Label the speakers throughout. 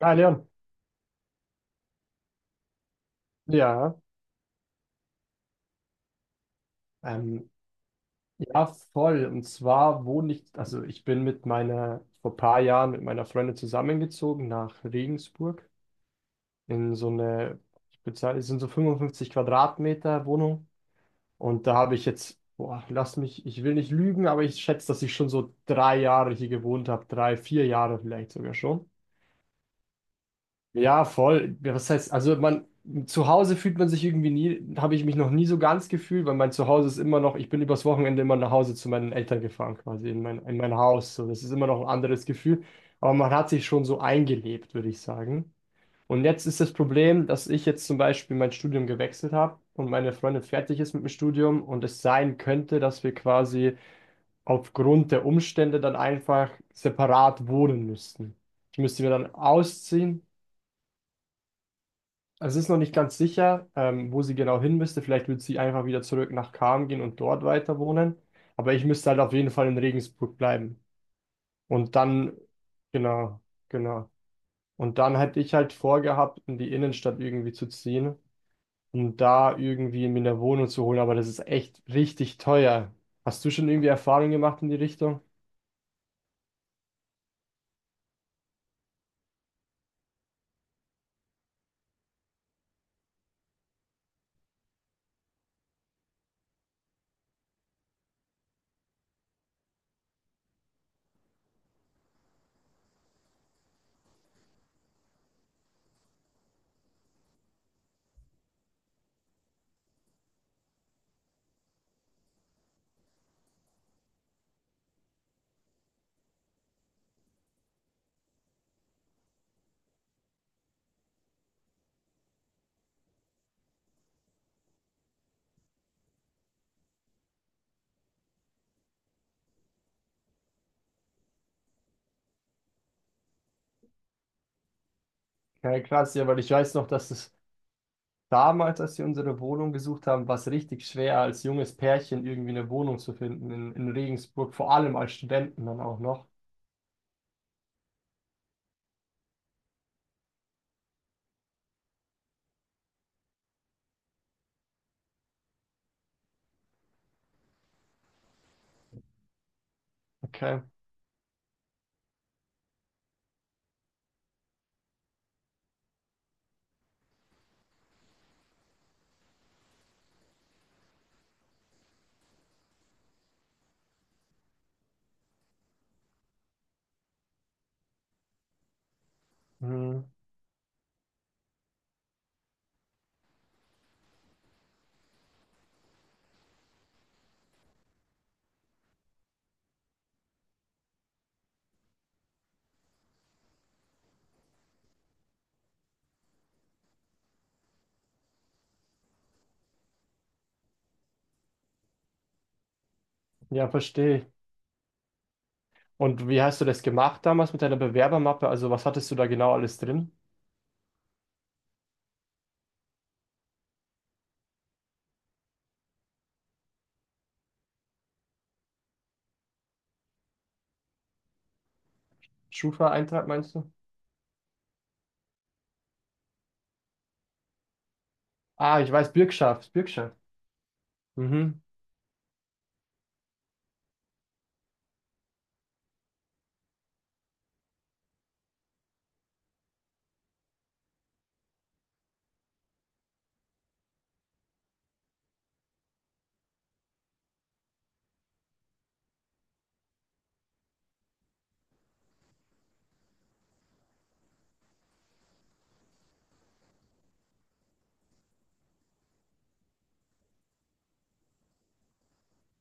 Speaker 1: Ah, Leon. Ja, ähm, ja, voll. Und zwar wohne ich, also ich bin mit meiner, vor ein paar Jahren mit meiner Freundin zusammengezogen nach Regensburg in so eine, ich bezahle, es sind so 55 Quadratmeter Wohnung. Und da habe ich jetzt, boah, lass mich, ich will nicht lügen, aber ich schätze, dass ich schon so drei Jahre hier gewohnt habe, drei, vier Jahre vielleicht sogar schon. Ja, voll. Ja, was heißt, also man, zu Hause fühlt man sich irgendwie nie, habe ich mich noch nie so ganz gefühlt, weil mein Zuhause ist immer noch, ich bin übers Wochenende immer nach Hause zu meinen Eltern gefahren, quasi in mein Haus. So, das ist immer noch ein anderes Gefühl. Aber man hat sich schon so eingelebt, würde ich sagen. Und jetzt ist das Problem, dass ich jetzt zum Beispiel mein Studium gewechselt habe und meine Freundin fertig ist mit dem Studium und es sein könnte, dass wir quasi aufgrund der Umstände dann einfach separat wohnen müssten. Ich müsste mir dann ausziehen also, es ist noch nicht ganz sicher, wo sie genau hin müsste. Vielleicht wird sie einfach wieder zurück nach Cham gehen und dort weiter wohnen. Aber ich müsste halt auf jeden Fall in Regensburg bleiben. Und dann, genau, genau. Und dann hätte ich halt vorgehabt, in die Innenstadt irgendwie zu ziehen, um da irgendwie mir eine Wohnung zu holen. Aber das ist echt richtig teuer. Hast du schon irgendwie Erfahrungen gemacht in die Richtung? Ja, krass, ja, weil ich weiß noch, dass es damals, als wir unsere Wohnung gesucht haben, war es richtig schwer, als junges Pärchen irgendwie eine Wohnung zu finden in Regensburg, vor allem als Studenten dann auch noch. Okay. Mhm. Ja, verstehe ich. Und wie hast du das gemacht damals mit deiner Bewerbermappe? Also, was hattest du da genau alles drin? Schufa-Eintrag meinst du? Ah, ich weiß, Bürgschaft, Bürgschaft. Mhm.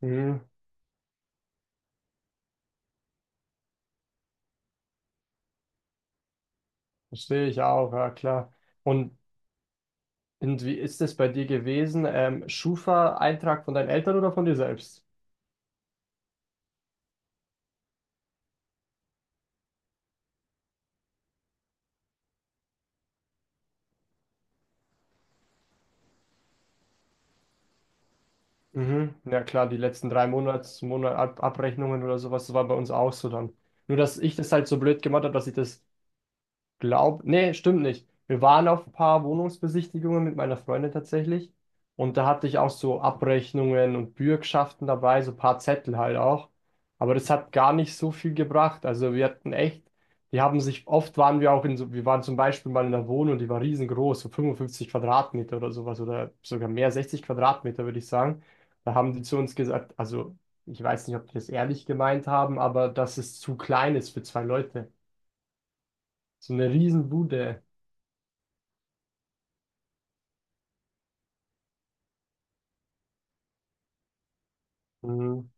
Speaker 1: Mhm. Verstehe ich auch, ja klar. Und, und wie ist das bei dir gewesen? Schufa-Eintrag von deinen Eltern oder von dir selbst? Mhm. Ja klar, die letzten drei Monats, Monat Ab- Abrechnungen oder sowas, das war bei uns auch so dann. Nur, dass ich das halt so blöd gemacht habe, dass ich das. Glaub, nee, stimmt nicht. Wir waren auf ein paar Wohnungsbesichtigungen mit meiner Freundin tatsächlich. Und da hatte ich auch so Abrechnungen und Bürgschaften dabei, so ein paar Zettel halt auch. Aber das hat gar nicht so viel gebracht. Also wir hatten echt, die haben sich, oft waren wir auch in so, wir waren zum Beispiel mal in einer Wohnung, die war riesengroß, so 55 Quadratmeter oder sowas oder sogar mehr, 60 Quadratmeter würde ich sagen. Da haben die zu uns gesagt, also ich weiß nicht, ob die das ehrlich gemeint haben, aber dass es zu klein ist für zwei Leute. So eine Riesenbude. Mhm.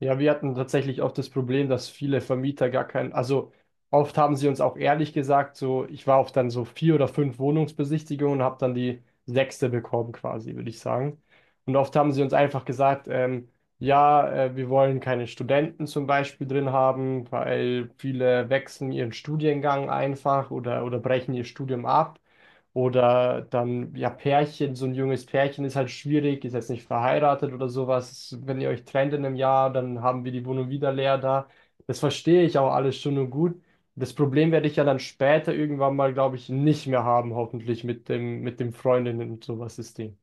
Speaker 1: Ja, wir hatten tatsächlich auch das Problem, dass viele Vermieter gar keinen, also oft haben sie uns auch ehrlich gesagt, so ich war auf dann so vier oder fünf Wohnungsbesichtigungen und habe dann die sechste bekommen quasi, würde ich sagen. Und oft haben sie uns einfach gesagt, ja, wir wollen keine Studenten zum Beispiel drin haben, weil viele wechseln ihren Studiengang einfach oder brechen ihr Studium ab. Oder dann, ja, Pärchen, so ein junges Pärchen ist halt schwierig, ist jetzt nicht verheiratet oder sowas. Wenn ihr euch trennt in einem Jahr, dann haben wir die Wohnung wieder leer da. Das verstehe ich auch alles schon und gut. Das Problem werde ich ja dann später irgendwann mal, glaube ich, nicht mehr haben, hoffentlich mit dem Freundinnen und sowas System.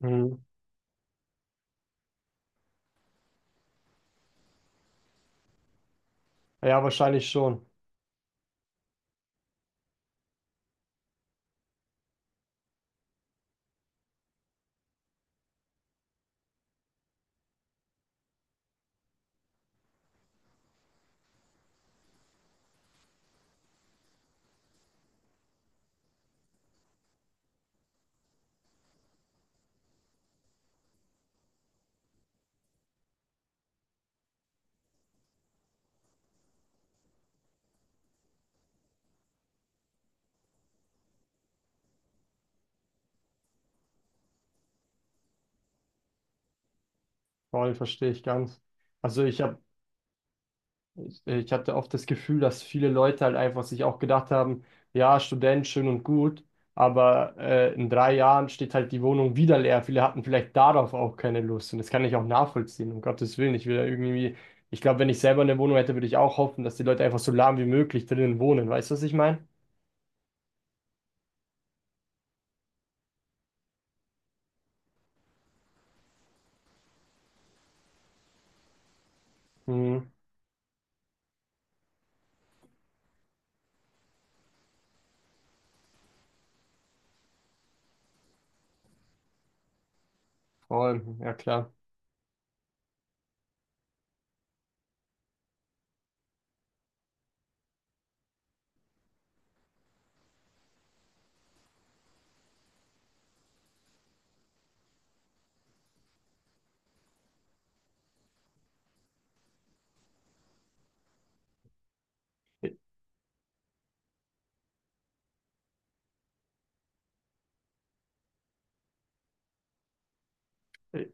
Speaker 1: Mhm. Ja, wahrscheinlich schon. Vor allem verstehe ich ganz. Also ich habe. Ich hatte oft das Gefühl, dass viele Leute halt einfach sich auch gedacht haben, ja, Student, schön und gut, aber in drei Jahren steht halt die Wohnung wieder leer. Viele hatten vielleicht darauf auch keine Lust und das kann ich auch nachvollziehen, um Gottes Willen. Ich will da irgendwie, ich glaube, wenn ich selber eine Wohnung hätte, würde ich auch hoffen, dass die Leute einfach so lahm wie möglich drinnen wohnen. Weißt du, was ich meine? Mhm, voll, ja klar. Äh, äh,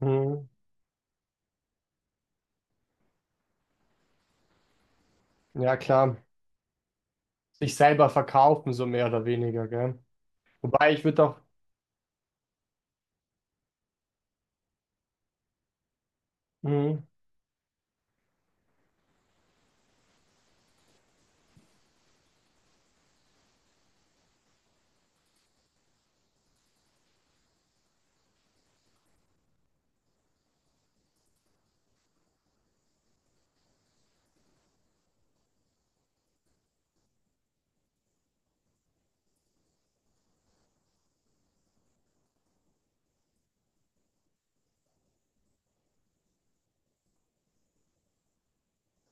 Speaker 1: Mhm, ja klar. Sich selber verkaufen, so mehr oder weniger, gell? Wobei ich würde auch. Mhm.